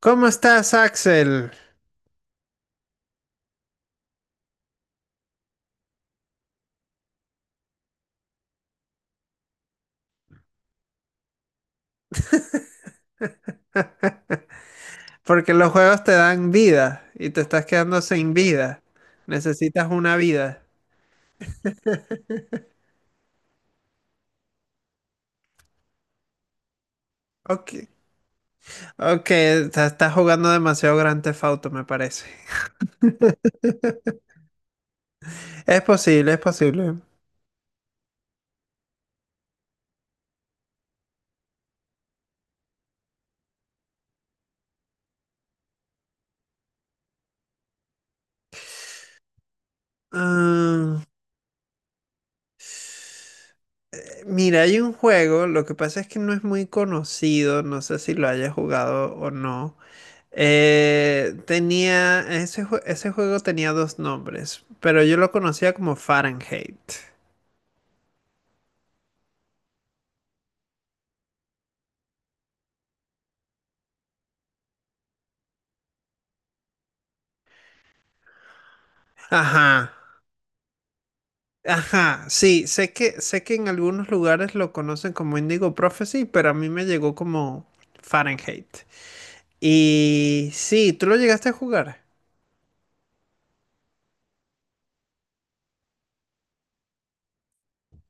¿Cómo estás, Axel? Porque los juegos te dan vida y te estás quedando sin vida. Necesitas una vida. Ok, ok, te estás jugando demasiado Grand Theft Auto, me parece. Es posible, es posible. Ah, mira, hay un juego, lo que pasa es que no es muy conocido, no sé si lo hayas jugado o no. Tenía, ese, ese juego tenía dos nombres, pero yo lo conocía como Fahrenheit. Ajá. Ajá, sí, sé que en algunos lugares lo conocen como Indigo Prophecy, pero a mí me llegó como Fahrenheit. Y sí, ¿tú lo llegaste a jugar?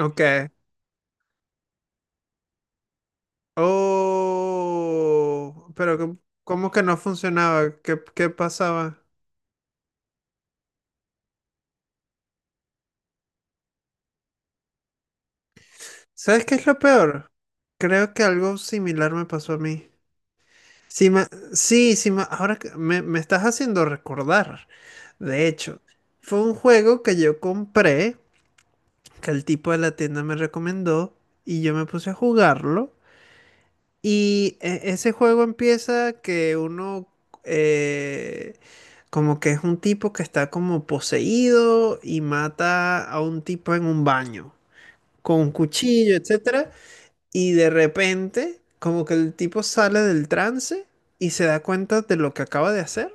Ok. Oh, pero ¿cómo cómo que no funcionaba? ¿Qué, qué pasaba? ¿Sabes qué es lo peor? Creo que algo similar me pasó a mí. Sí, sí, sí, ahora que me estás haciendo recordar. De hecho, fue un juego que yo compré, que el tipo de la tienda me recomendó y yo me puse a jugarlo. Y ese juego empieza que uno eh, como que es un tipo que está como poseído y mata a un tipo en un baño con un cuchillo, etcétera. Y de repente como que el tipo sale del trance y se da cuenta de lo que acaba de hacer.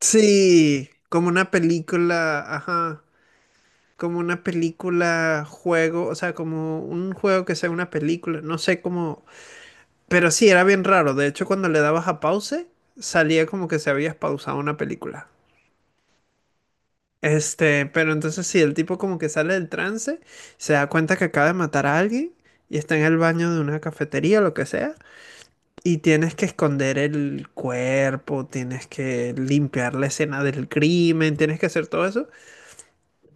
Sí, como una película, ajá. Como una película juego, o sea, como un juego que sea una película, no sé cómo, pero sí, era bien raro. De hecho, cuando le dabas a pause, salía como que se había pausado una película. Este, pero entonces sí, el tipo como que sale del trance, se da cuenta que acaba de matar a alguien y está en el baño de una cafetería, lo que sea, y tienes que esconder el cuerpo, tienes que limpiar la escena del crimen, tienes que hacer todo eso.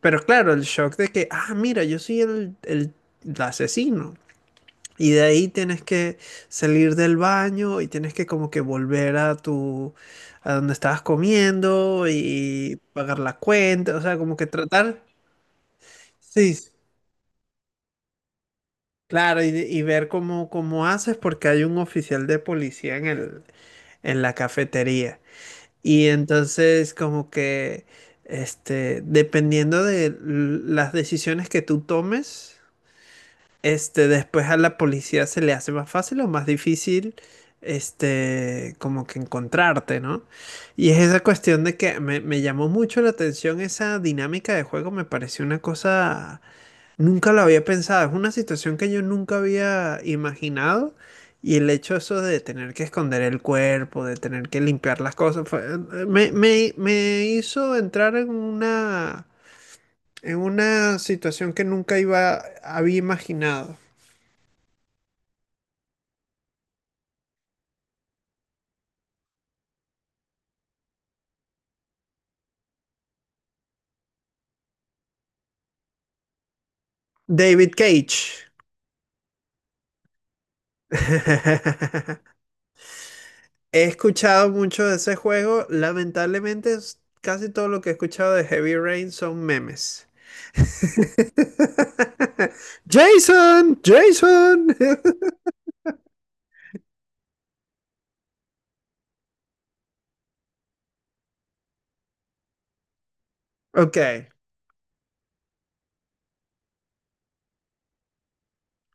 Pero claro, el shock de que, ah, mira, yo soy el, el asesino. Y de ahí tienes que salir del baño y tienes que como que volver a tu, a donde estabas comiendo y pagar la cuenta. O sea, como que tratar. Sí, sí, claro, y ver cómo, cómo haces porque hay un oficial de policía en el, en la cafetería. Y entonces como que, este, dependiendo de las decisiones que tú tomes. Este, después a la policía se le hace más fácil o más difícil, este, como que encontrarte, ¿no? Y es esa cuestión de que me llamó mucho la atención esa dinámica de juego, me pareció una cosa, nunca lo había pensado, es una situación que yo nunca había imaginado y el hecho eso de tener que esconder el cuerpo, de tener que limpiar las cosas, me, me, me hizo entrar en una situación que nunca iba, había imaginado. David Cage. He escuchado mucho de ese juego. Lamentablemente, casi todo lo que he escuchado de Heavy Rain son memes. Jason, Jason. Ok,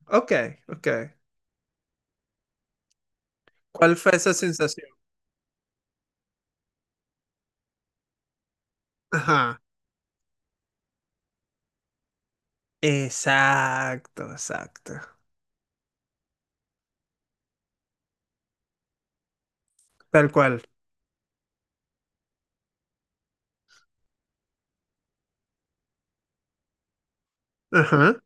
ok, ok. ¿Cuál fue esa sensación? Ajá. Exacto, exacto. Tal cual. Ajá.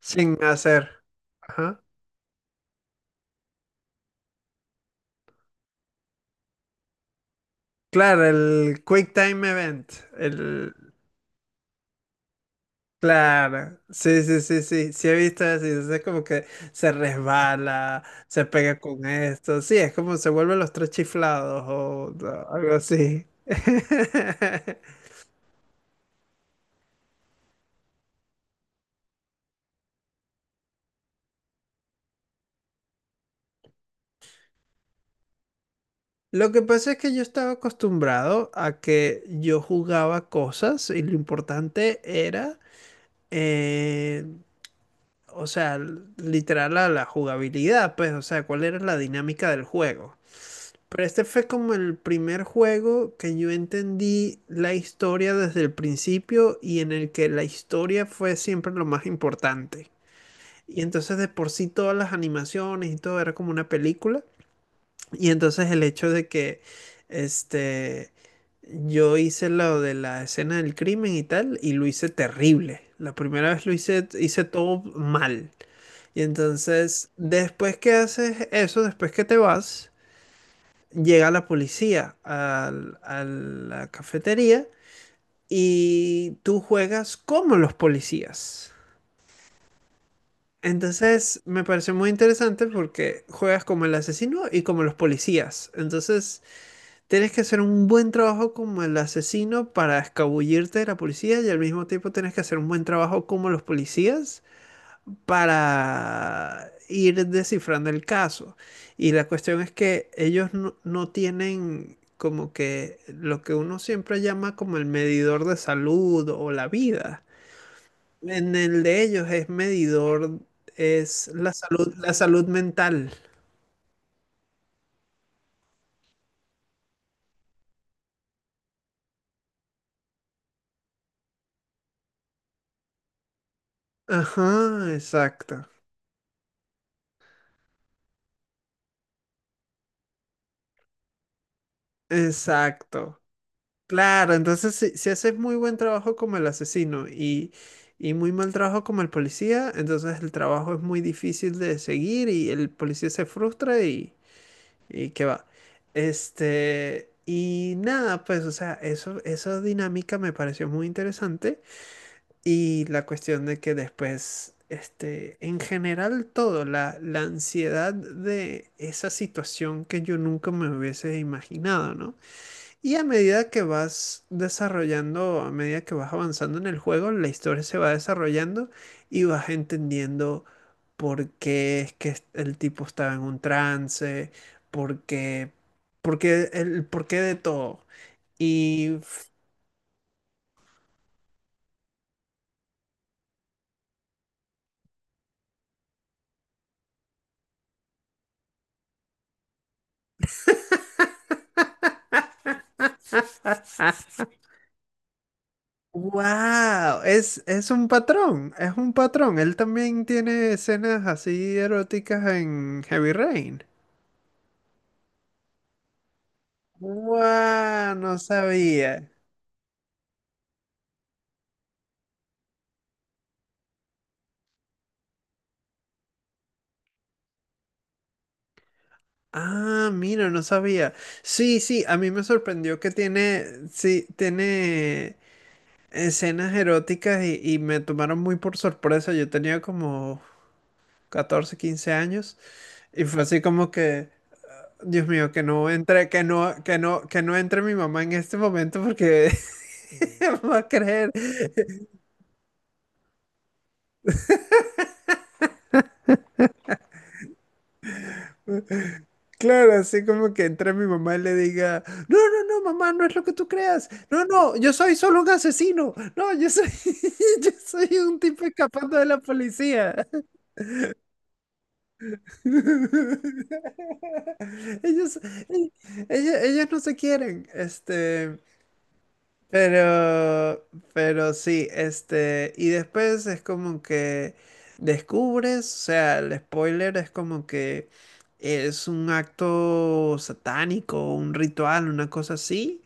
Sin hacer. Ajá. Claro, el Quick Time Event. El... Claro, sí, sí, sí, sí, sí he visto eso, y entonces es como que se resbala, se pega con esto, sí, es como se vuelven los tres chiflados o algo así. Lo que pasa es que yo estaba acostumbrado a que yo jugaba cosas y lo importante era, eh, o sea, literal a la jugabilidad, pues, o sea, cuál era la dinámica del juego. Pero este fue como el primer juego que yo entendí la historia desde el principio y en el que la historia fue siempre lo más importante. Y entonces de por sí todas las animaciones y todo era como una película. Y entonces el hecho de que este yo hice lo de la escena del crimen y tal y lo hice terrible. La primera vez lo hice todo mal. Y entonces después que haces eso, después que te vas llega la policía a la cafetería y tú juegas como los policías. Entonces me parece muy interesante porque juegas como el asesino y como los policías. Entonces tienes que hacer un buen trabajo como el asesino para escabullirte de la policía y al mismo tiempo tienes que hacer un buen trabajo como los policías para ir descifrando el caso. Y la cuestión es que ellos no, no tienen como que lo que uno siempre llama como el medidor de salud o la vida. En el de ellos es medidor, es la salud mental. Ajá, exacto. Exacto. Claro, entonces si, si haces muy buen trabajo como el asesino y muy mal trabajo como el policía, entonces el trabajo es muy difícil de seguir y el policía se frustra y qué va. Este, y nada, pues, o sea, eso, esa dinámica me pareció muy interesante y la cuestión de que después, este, en general todo, la ansiedad de esa situación que yo nunca me hubiese imaginado, ¿no? Y a medida que vas desarrollando, a medida que vas avanzando en el juego, la historia se va desarrollando y vas entendiendo por qué es que el tipo estaba en un trance, por qué, por qué, el por qué de todo. Y... ¡Wow! Es un patrón, es un patrón. Él también tiene escenas así eróticas en Heavy Rain. ¡Wow! No sabía. Ah, mira, no sabía. Sí, sí, a mí me sorprendió que tiene, sí, tiene escenas eróticas y me tomaron muy por sorpresa. Yo tenía como 14, 15 años y fue así como que, Dios mío, que no entre, que no, que no, que no entre mi mamá en este momento porque va a creer. Claro, así como que entre mi mamá y le diga, no, no, no, mamá, no es lo que tú creas, no, no, yo soy solo un asesino, no, yo soy, yo soy un tipo escapando de la policía. Ellos, ellos no se quieren, este, Pero, pero sí, este, y después es como que descubres, o sea, el spoiler es como que es un acto satánico, un ritual, una cosa así,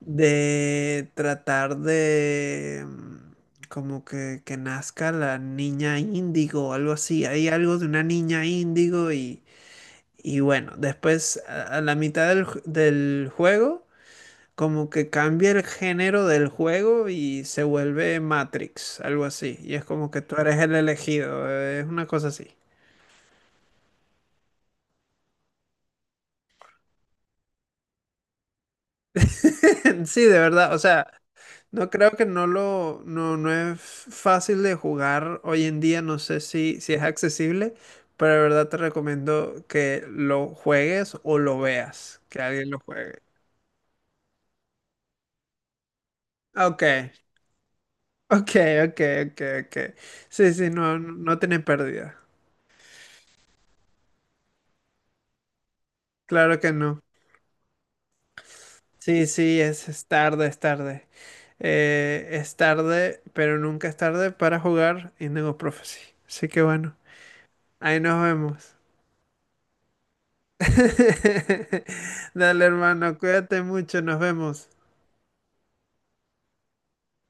de tratar de como que nazca la niña índigo o algo así. Hay algo de una niña índigo y bueno, después a la mitad del juego. Como que cambia el género del juego y se vuelve Matrix, algo así. Y es como que tú eres el elegido, es una cosa así. Sí, de verdad, o sea, no creo que no lo, no, no es fácil de jugar hoy en día, no sé si, si es accesible, pero de verdad te recomiendo que lo juegues o lo veas, que alguien lo juegue. Ok, ok, ok, ok, ok. Sí, sí, no, no no tiene pérdida. Claro que no. Sí, sí, es tarde, es tarde. Es tarde, pero nunca es tarde para jugar Indigo Prophecy. Así que bueno, ahí nos vemos. Dale, hermano, cuídate mucho, nos vemos.